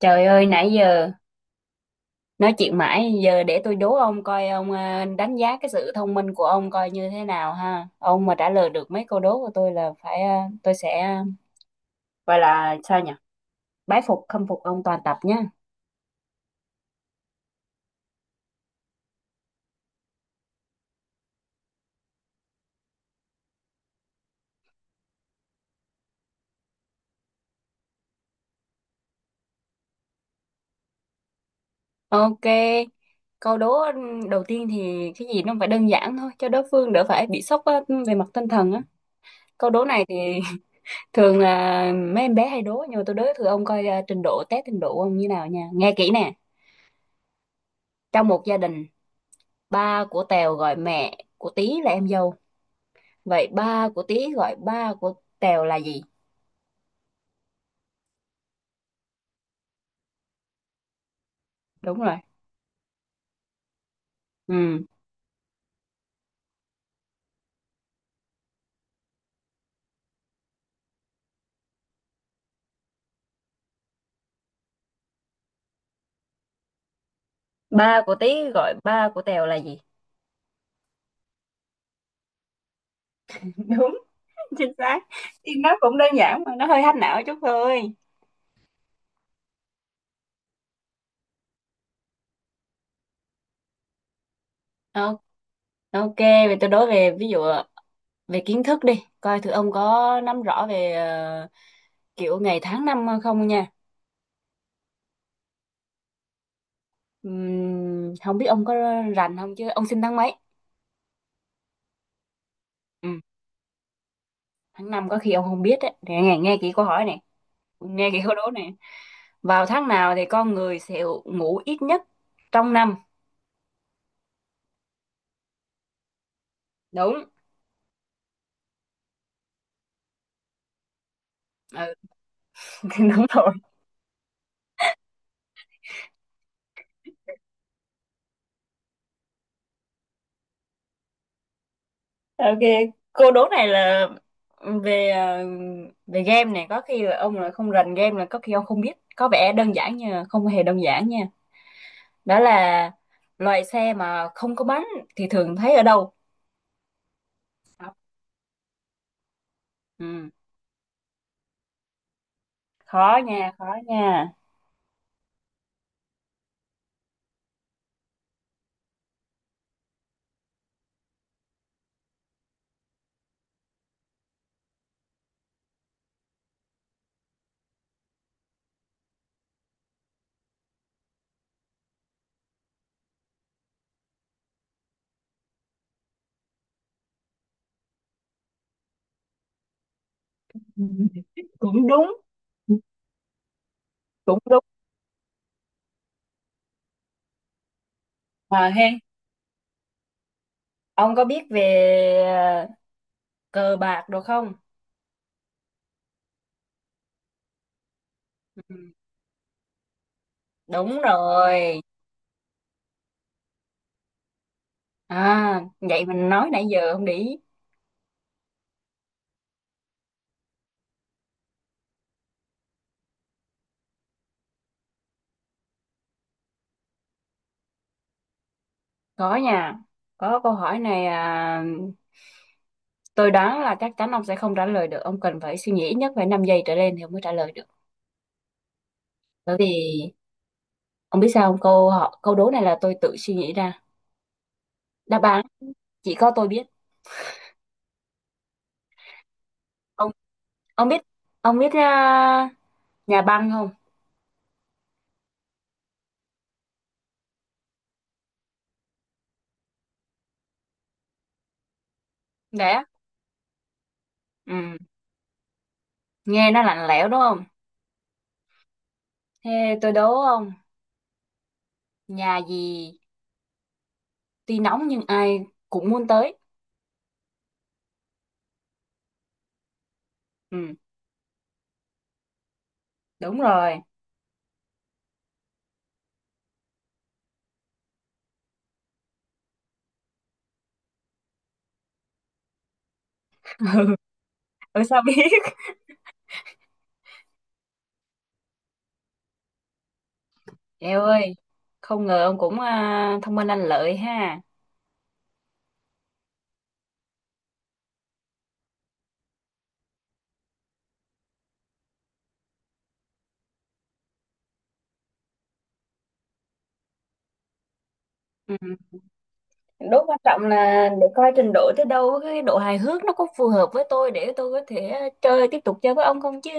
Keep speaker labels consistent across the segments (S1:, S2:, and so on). S1: Trời ơi, nãy giờ nói chuyện mãi, giờ để tôi đố ông coi ông đánh giá cái sự thông minh của ông coi như thế nào ha. Ông mà trả lời được mấy câu đố của tôi là phải tôi sẽ gọi là sao nhỉ? Bái phục khâm phục ông toàn tập nhá. Ok. Câu đố đầu tiên thì cái gì nó phải đơn giản thôi cho đối phương đỡ phải bị sốc á, về mặt tinh thần á. Câu đố này thì thường là mấy em bé hay đố nhưng mà tôi đố thử ông coi trình độ test trình độ của ông như nào nha. Nghe kỹ nè. Trong một gia đình, ba của Tèo gọi mẹ của Tí là em dâu, vậy ba của Tí gọi ba của Tèo là gì? Đúng rồi. Ừ, ba của Tí gọi ba của Tèo là gì? Đúng. Chính xác. Thì nó cũng đơn giản mà nó hơi hack não chút thôi. Ờ, ok, vậy tôi đối về ví dụ, về kiến thức đi coi thử ông có nắm rõ về kiểu ngày tháng năm không nha. Không biết ông có rành không chứ, ông sinh tháng mấy? Ừ, tháng năm có khi ông không biết đấy, nghe nghe kỹ câu hỏi này, nghe kỹ câu đố này. Vào tháng nào thì con người sẽ ngủ ít nhất trong năm? Đúng. Ừ, đúng rồi. Ok, cô đố này là về về game này, có khi là ông là không rành game là có khi ông không biết. Có vẻ đơn giản nhưng mà không hề đơn giản nha. Đó là loại xe mà không có bánh thì thường thấy ở đâu? Ừ, khó nha, khó nha. Cũng đúng, cũng đúng mà he. Ông có biết về ờ, cờ bạc được không? Ừ, đúng rồi. À, vậy mình nói nãy giờ không để ý. Có nha. Có câu hỏi này à, tôi đoán là chắc chắn ông sẽ không trả lời được. Ông cần phải suy nghĩ ít nhất phải 5 giây trở lên thì ông mới trả lời được. Bởi vì ông biết sao không? Câu đố này là tôi tự suy nghĩ ra. Đáp án chỉ có tôi biết. Ông ông biết ông biết à, nhà băng không? Đấy á. Ừ, nghe nó lạnh lẽo đúng không? Thế tôi đố ông, nhà gì tuy nóng nhưng ai cũng muốn tới. Ừ, đúng rồi. Ừ, sao biết? Eo ơi, không ngờ ông cũng thông minh lanh lợi ha. Ừ. Đố quan trọng là để coi trình độ tới đâu, cái độ hài hước nó có phù hợp với tôi để tôi có thể tiếp tục chơi với ông không chứ.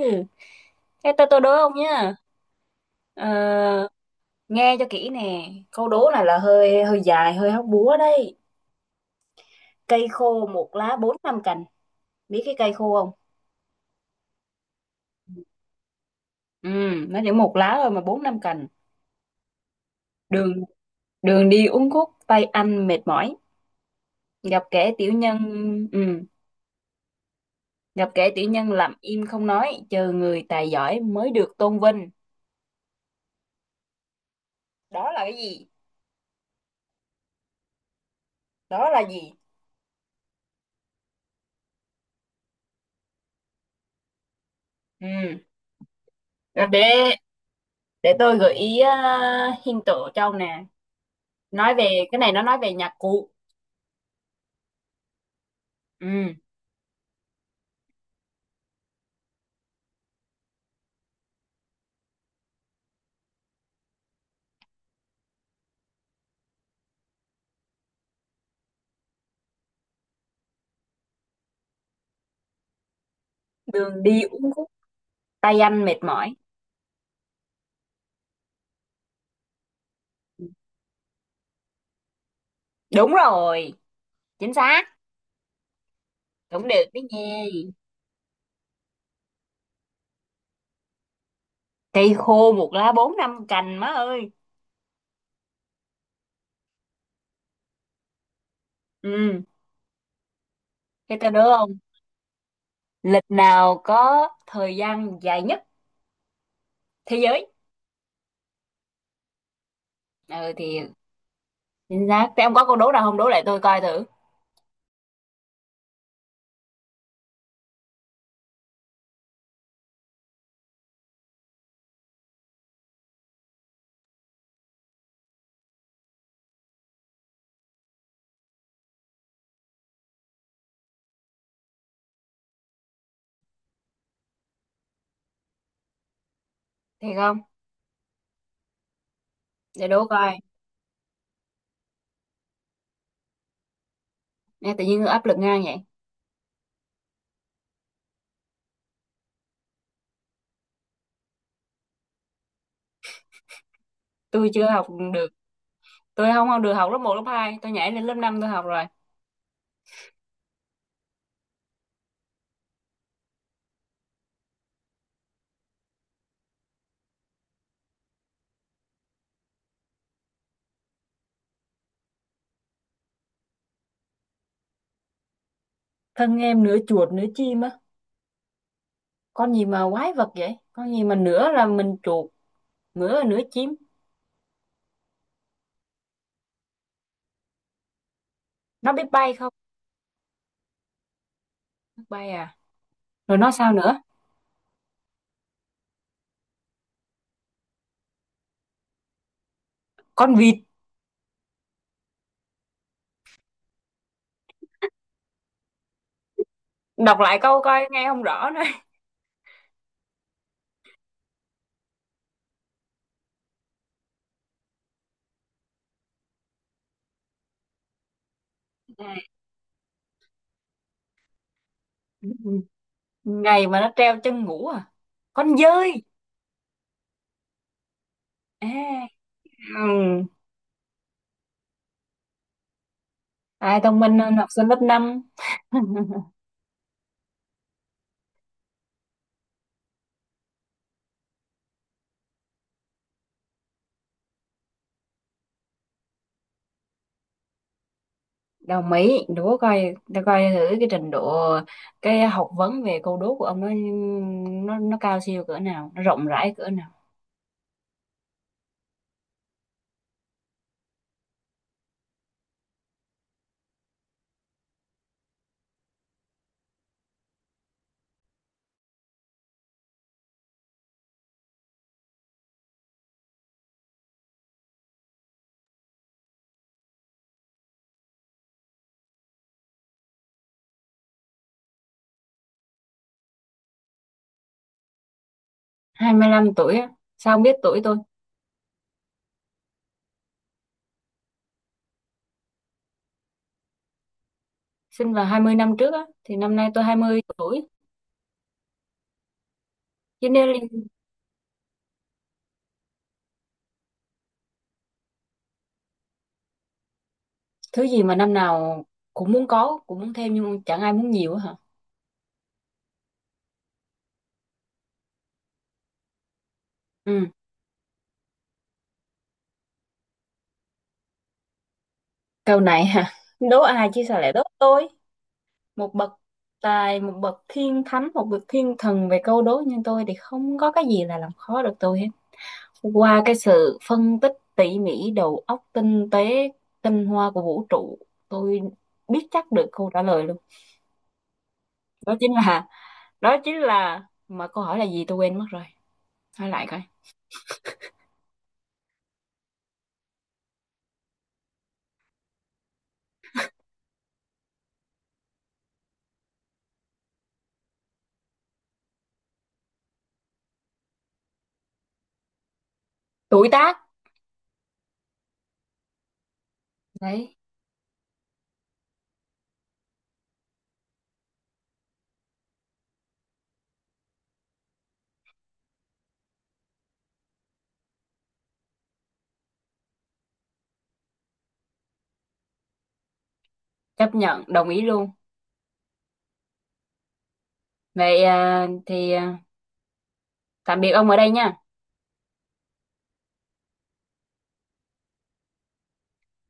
S1: Thế tôi đố ông nhá. Ờ, Nghe cho kỹ nè, câu đố này là hơi hơi dài, hơi hóc búa đấy. Cây khô một lá bốn năm cành, biết cái cây khô không? Ừ, nó chỉ một lá thôi mà bốn năm cành. Đường đường đi uốn khúc, tay anh mệt mỏi. gặp kẻ tiểu nhân ừ, gặp kẻ tiểu nhân làm im không nói, chờ người tài giỏi mới được tôn vinh. Đó là cái gì? Đó là gì? Ừ. Rồi để tôi gợi ý, hint tổ cho ông nè. Nói về cái này, nó nói về nhạc cụ. Ừ. Đường đi uốn khúc, tay anh mệt mỏi. Đúng rồi. Chính xác. Cũng được đấy nha. Cây khô một lá bốn năm cành má ơi. Ừ. Thế tao đố không? Lịch nào có thời gian dài nhất thế giới? Ừ thì chính xác. Thế ông có câu đố nào không, đố lại tôi coi thử. Thiệt không? Để đố coi. Nghe tự nhiên tôi áp lực ngang vậy. Tôi chưa học được, tôi không học được học lớp một lớp hai, tôi nhảy lên lớp năm tôi học rồi. Thân em nửa chuột nửa chim á. Con gì mà quái vật vậy, con gì mà nửa là mình chuột, nửa là nửa chim? Nó biết bay không? Biết bay à? Rồi nó sao nữa? Con vịt. Đọc lại câu coi, nghe không rõ nữa. ngày Ngày mà nó treo chân ngủ à? Con dơi. À, ừ. Ai thông minh hơn học sinh lớp 5? Đồng ý, đố coi, đố coi thử cái trình độ, cái học vấn về câu đố của ông nó cao siêu cỡ nào, nó rộng rãi cỡ nào. 25 tuổi á? Sao ông biết tuổi tôi? Sinh vào 20 năm trước á thì năm nay tôi 20 tuổi. Cho nên là thứ gì mà năm nào cũng muốn có, cũng muốn thêm, nhưng chẳng ai muốn nhiều á hả? Ừ. Câu này hả? Đố ai chứ sao lại đố tôi. Một bậc tài, một bậc thiên thánh, một bậc thiên thần về câu đố như tôi thì không có cái gì là làm khó được tôi hết. Qua cái sự phân tích tỉ mỉ, đầu óc tinh tế, tinh hoa của vũ trụ, tôi biết chắc được câu trả lời luôn. Đó chính là, đó chính là, mà câu hỏi là gì tôi quên mất rồi, nói lại coi. Tuổi tác. Đấy. Chấp nhận đồng ý luôn. Vậy thì tạm biệt ông ở đây nha.